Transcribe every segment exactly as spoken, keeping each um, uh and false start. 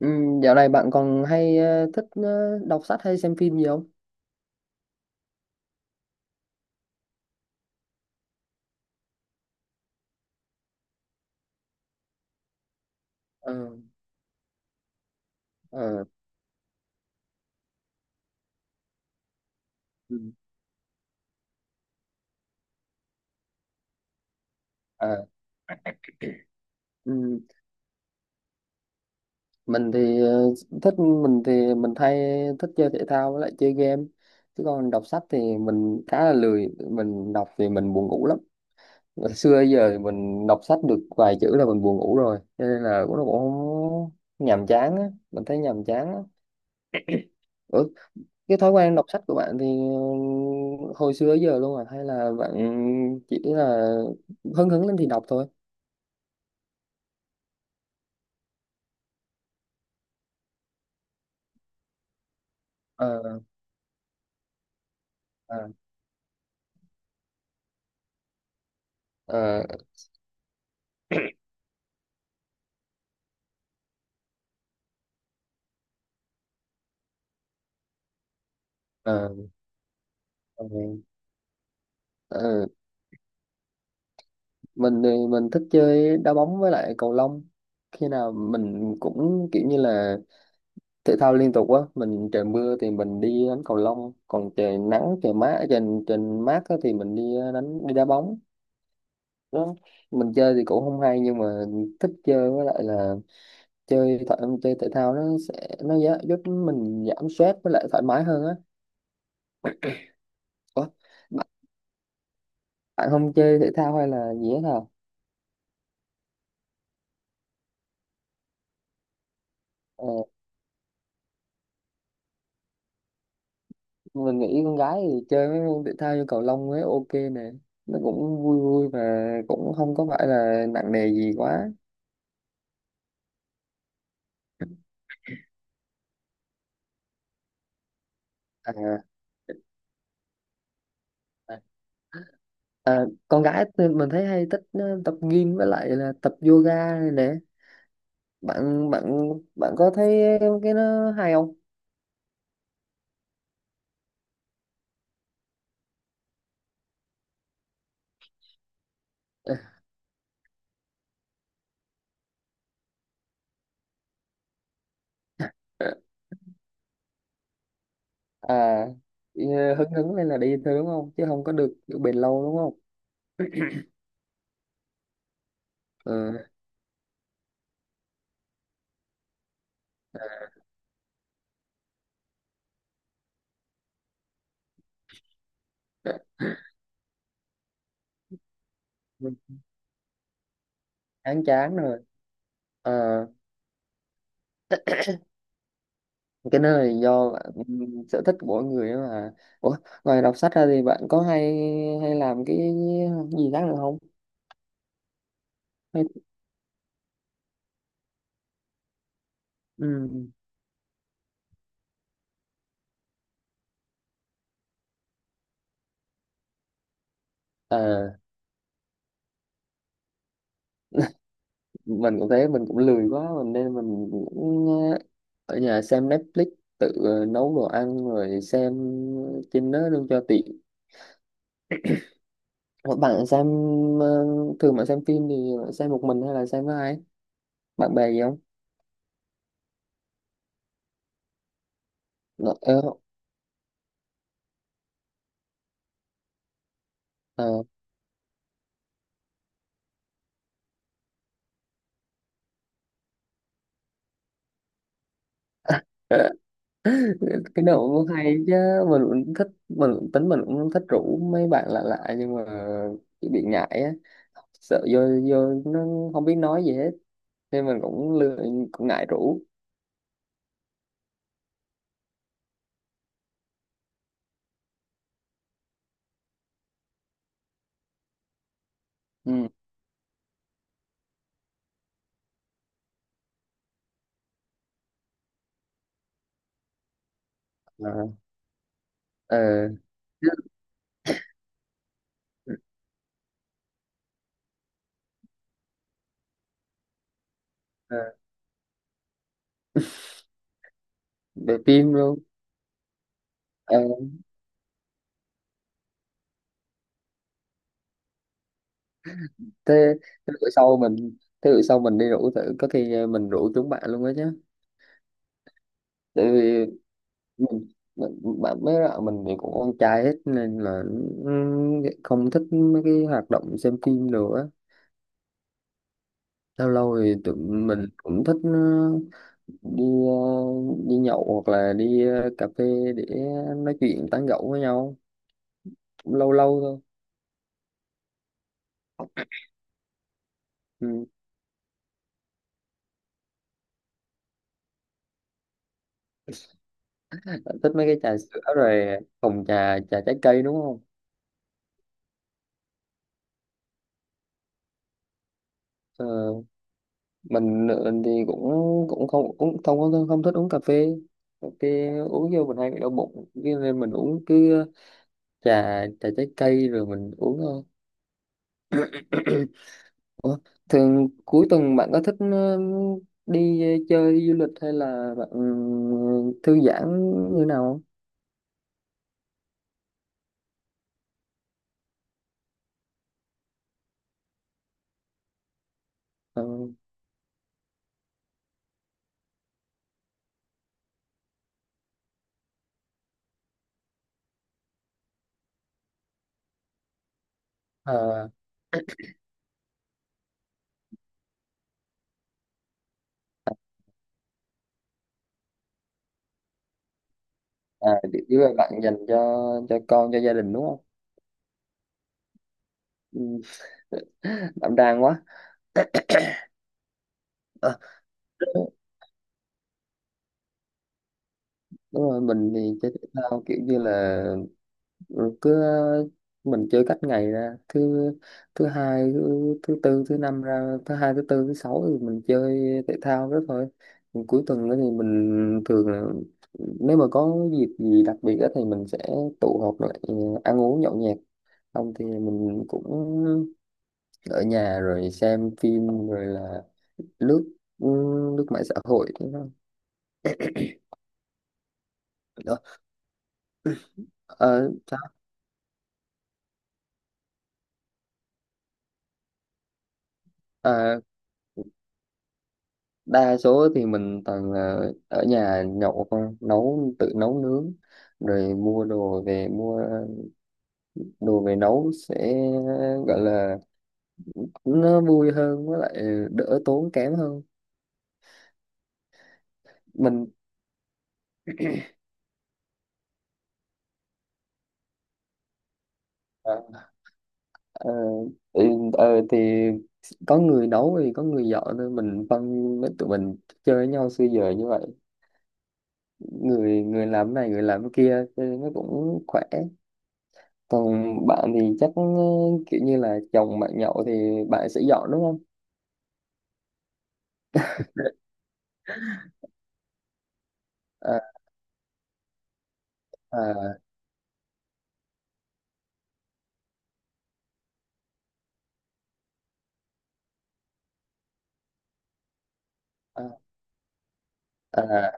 Ừ, dạo này bạn còn hay ờ, thích ờ, đọc sách hay xem phim gì không? Ờ, ờ, ừ, ờ, ừ. Mình thì ờ, thích mình thì mình hay thích chơi thể thao với lại chơi game, chứ còn đọc sách thì mình khá là lười, mình đọc thì mình buồn ngủ lắm. Ngày xưa giờ thì mình đọc sách được vài chữ là mình buồn ngủ rồi, cho nên là cũng nó cũng không nhàm chán á, mình thấy nhàm chán á. Cái thói quen đọc sách của bạn thì hồi xưa tới giờ luôn à, hay là bạn chỉ là hứng hứng lên thì đọc thôi? ờ ờ ờ ờ ờ, ờ. Mình thì mình thích chơi đá bóng với lại cầu lông, khi nào mình cũng kiểu như là thể thao liên tục á. Mình trời mưa thì mình đi đánh cầu lông, còn trời nắng trời mát trời trời mát á, thì mình đi ờ, đánh đi đá bóng đó. Mình chơi thì cũng không hay nhưng mà thích chơi, với lại là chơi thể chơi thể thao nó sẽ nó giá- giúp mình giảm stress với lại thoải mái hơn á. Ủa, bạn, bạn không chơi thể thao hay là gì hết hả? ờ, mình nghĩ con gái thì chơi mấy môn thể thao như cầu lông ấy ok nè, nó cũng vui vui và cũng không có phải là nặng nề gì quá. à, à, À, con gái thì mình thấy hay thích ờ, tập gym với lại là tập yoga này nè. Bạn bạn Bạn có thấy cái nó hay không? à Đi, ờ, hứng hứng lên là đi thôi đúng không, chứ không có được kiểu bền lâu đúng không? Ừ. Chán chán rồi. Ờ, cái nơi này do bạn- ừ, sở thích của mỗi người ấy mà. Ủa, ngoài đọc sách ra thì bạn có hay hay làm cái gì khác nữa không? hay... ừ. À, mình cũng thế, mình cũng lười quá mình nên mình cũng ờ, ở nhà xem Netflix, tự ờ, nấu đồ ăn rồi xem trên đó luôn cho tiện. Ờ, bạn xem ờ, thường bạn xem phim thì bạn xem một mình hay là xem với ai? Bạn bè gì không? Ờ, ờ, ờ. Cái nào cũng hay chứ. Mình cũng thích, mình cũng tính mình cũng thích rủ mấy bạn lạ lạ nhưng mà chỉ bị ngại á, sợ vô vô nó không biết nói gì hết, nên mình cũng lười, cũng ngại rủ. ừ. ờ ờ Chứ, ờ, về phim luôn. Ờ thế Thế bữa sau mình thế bữa sau mình đi rủ thử, có khi mình rủ chúng bạn luôn đó chứ. Tại vì mình, mình bạn mấy bạn mình thì cũng con trai hết nên là ừ, không thích mấy cái hoạt động xem phim nữa. Lâu lâu thì tụi mình cũng thích ừ, đi ờ, đi nhậu hoặc là đi ờ, cà phê để nói chuyện tán gẫu với nhau, cũng lâu lâu thôi. Ừ. Bạn thích mấy cái trà sữa rồi hồng trà trà trái cây đúng không? Ờ, mình thì cũng cũng không cũng không không, không thích uống cà phê. Cà phê uống vô mình hay bị đau bụng. Cho nên mình uống cứ ờ, trà trà trái cây rồi mình uống thôi. Ủa, thường cuối tuần bạn có thích ờ, đi chơi đi du lịch hay là bạn ừ, thư giãn như nào không? Ờ, à, à chỉ là bạn dành cho cho con cho gia đình đúng không? Ừ, đảm đang quá. Ờ, đúng rồi. Mình thì chơi thể thao kiểu như là rồi cứ ờ, mình chơi cách ngày ra thứ thứ hai thứ, thứ tư thứ năm ra thứ hai thứ tư thứ sáu thì mình chơi thể thao đó thôi. Còn cuối tuần đó thì mình thường là nếu mà có dịp gì đặc biệt đó thì mình sẽ tụ họp lại ờ, ăn uống nhậu nhẹt, không thì mình cũng ở nhà rồi xem phim rồi là lướt ừ, lướt mạng xã hội thế thôi. Đó. Ờ, sao? À, đa số thì mình toàn là ở nhà nhậu thôi, nấu tự nấu nướng rồi mua đồ về mua đồ về nấu, sẽ gọi là nó vui hơn với lại đỡ tốn kém hơn. mình ờ, ờ, ừ, ờ, thì có người nấu thì có người dọn thôi, mình phân với tụi mình chơi với nhau xưa giờ như vậy, người người làm cái này người làm cái kia cho nên nó cũng khỏe. Còn bạn thì chắc ờ, kiểu như là chồng bạn nhậu thì bạn sẽ dọn đúng không? à, à, à, À,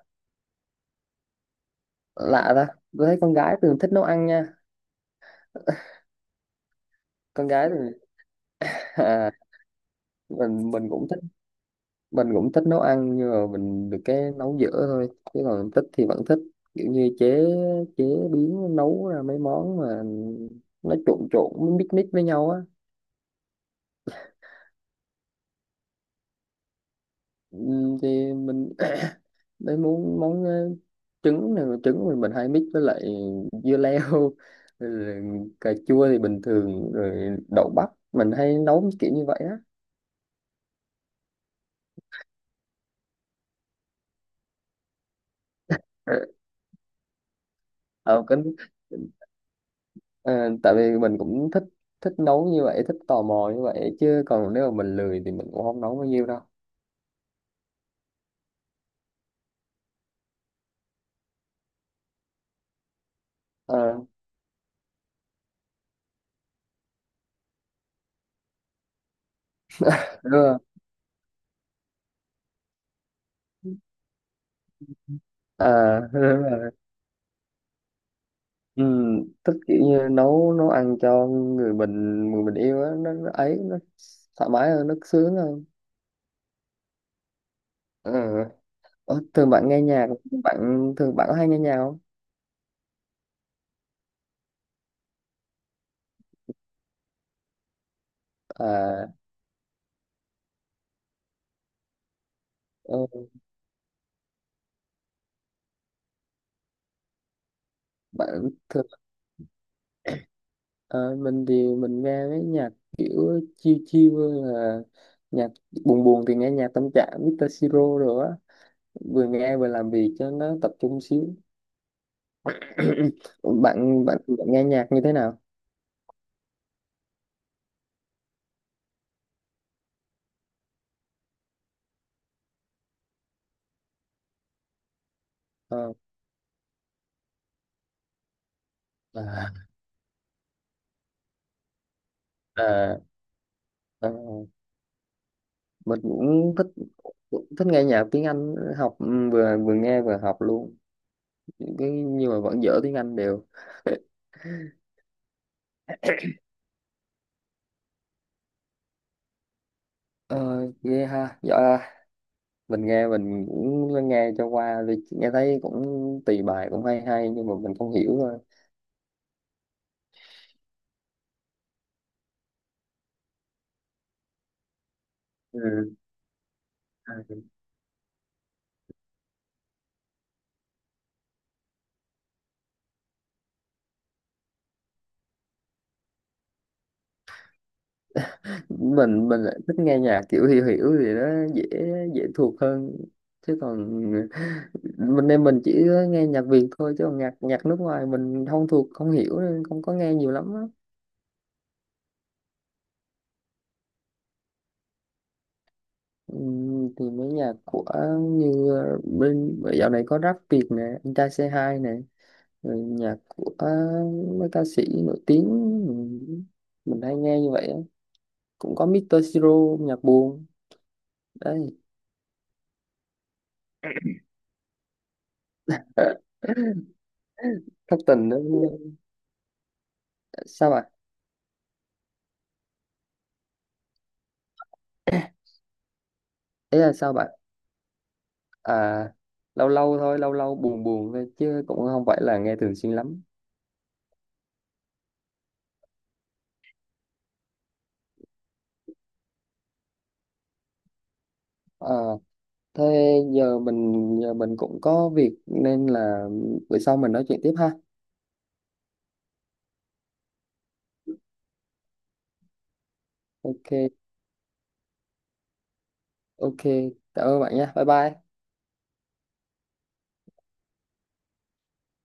lạ ta, tôi thấy con gái thường thích nấu ăn nha, con gái thường à, mình mình cũng thích, mình cũng thích nấu ăn nhưng mà mình được cái nấu dở thôi, chứ còn thích thì vẫn thích, kiểu như chế chế biến nấu ra mấy món mà nó trộn trộn mix mix với nhau á. Ừm, thì mình mấy món món ờ, trứng này, trứng mình mình hay mix với lại dưa leo rồi cà chua thì bình thường rồi đậu bắp, mình hay nấu kiểu như vậy á. ờ cũng ờ, Tại vì mình cũng thích thích nấu như vậy, thích tò mò như vậy, chứ còn nếu mà mình lười thì mình cũng không nấu bao nhiêu đâu. ờ Đúng rồi. À, đúng rồi. Ừ, thích kiểu như nấu nấu ăn cho người mình người mình yêu á, nó, nó ấy nó thoải mái hơn, nó sướng hơn. Ừ. ờ thường bạn nghe nhạc bạn Thường bạn có hay nghe nhạc không? À ừ, bạn thường Ờ, mình thì mình nghe mấy nhạc kiểu chill chill, hơn là nhạc buồn buồn thì nghe nhạc tâm trạng mít-x tơ Siro rồi á, vừa nghe vừa làm việc cho nó tập trung xíu. bạn bạn Bạn nghe nhạc như thế nào? Ờ, à, à, à, mình cũng thích cũng thích nghe nhạc tiếng Anh học ừ, vừa vừa nghe vừa học luôn những cái, nhưng mà vẫn dở tiếng Anh đều. Ờ, ghê ha, giỏi ha. Mình nghe mình cũng nghe cho qua, vì nghe thấy cũng tùy bài cũng hay hay nhưng mà mình không hiểu thôi. Ừ. Ừ. Mình mình lại thích nghe nhạc kiểu hiểu hiểu thì nó dễ dễ thuộc hơn, chứ còn mình em mình chỉ nghe nhạc Việt thôi, chứ còn nhạc nhạc nước ngoài mình không thuộc không hiểu nên không có nghe nhiều lắm á. Ừm, thì mấy nhạc của như bên dạo này có rap Việt nè, anh trai c hai nè, rồi nhạc của mấy ca sĩ nổi tiếng, mình, mình hay nghe như vậy á. Cũng có mít-x tơ Siro nhạc buồn đấy, thất tình đó. Sao bạn? Ý là sao bạn? À, lâu lâu thôi, lâu lâu buồn buồn thôi chứ cũng không phải là nghe thường xuyên lắm. À, thế giờ mình giờ mình cũng có việc nên là bữa sau mình nói chuyện tiếp ha. Ok ok cảm ơn bạn nha, bye bye.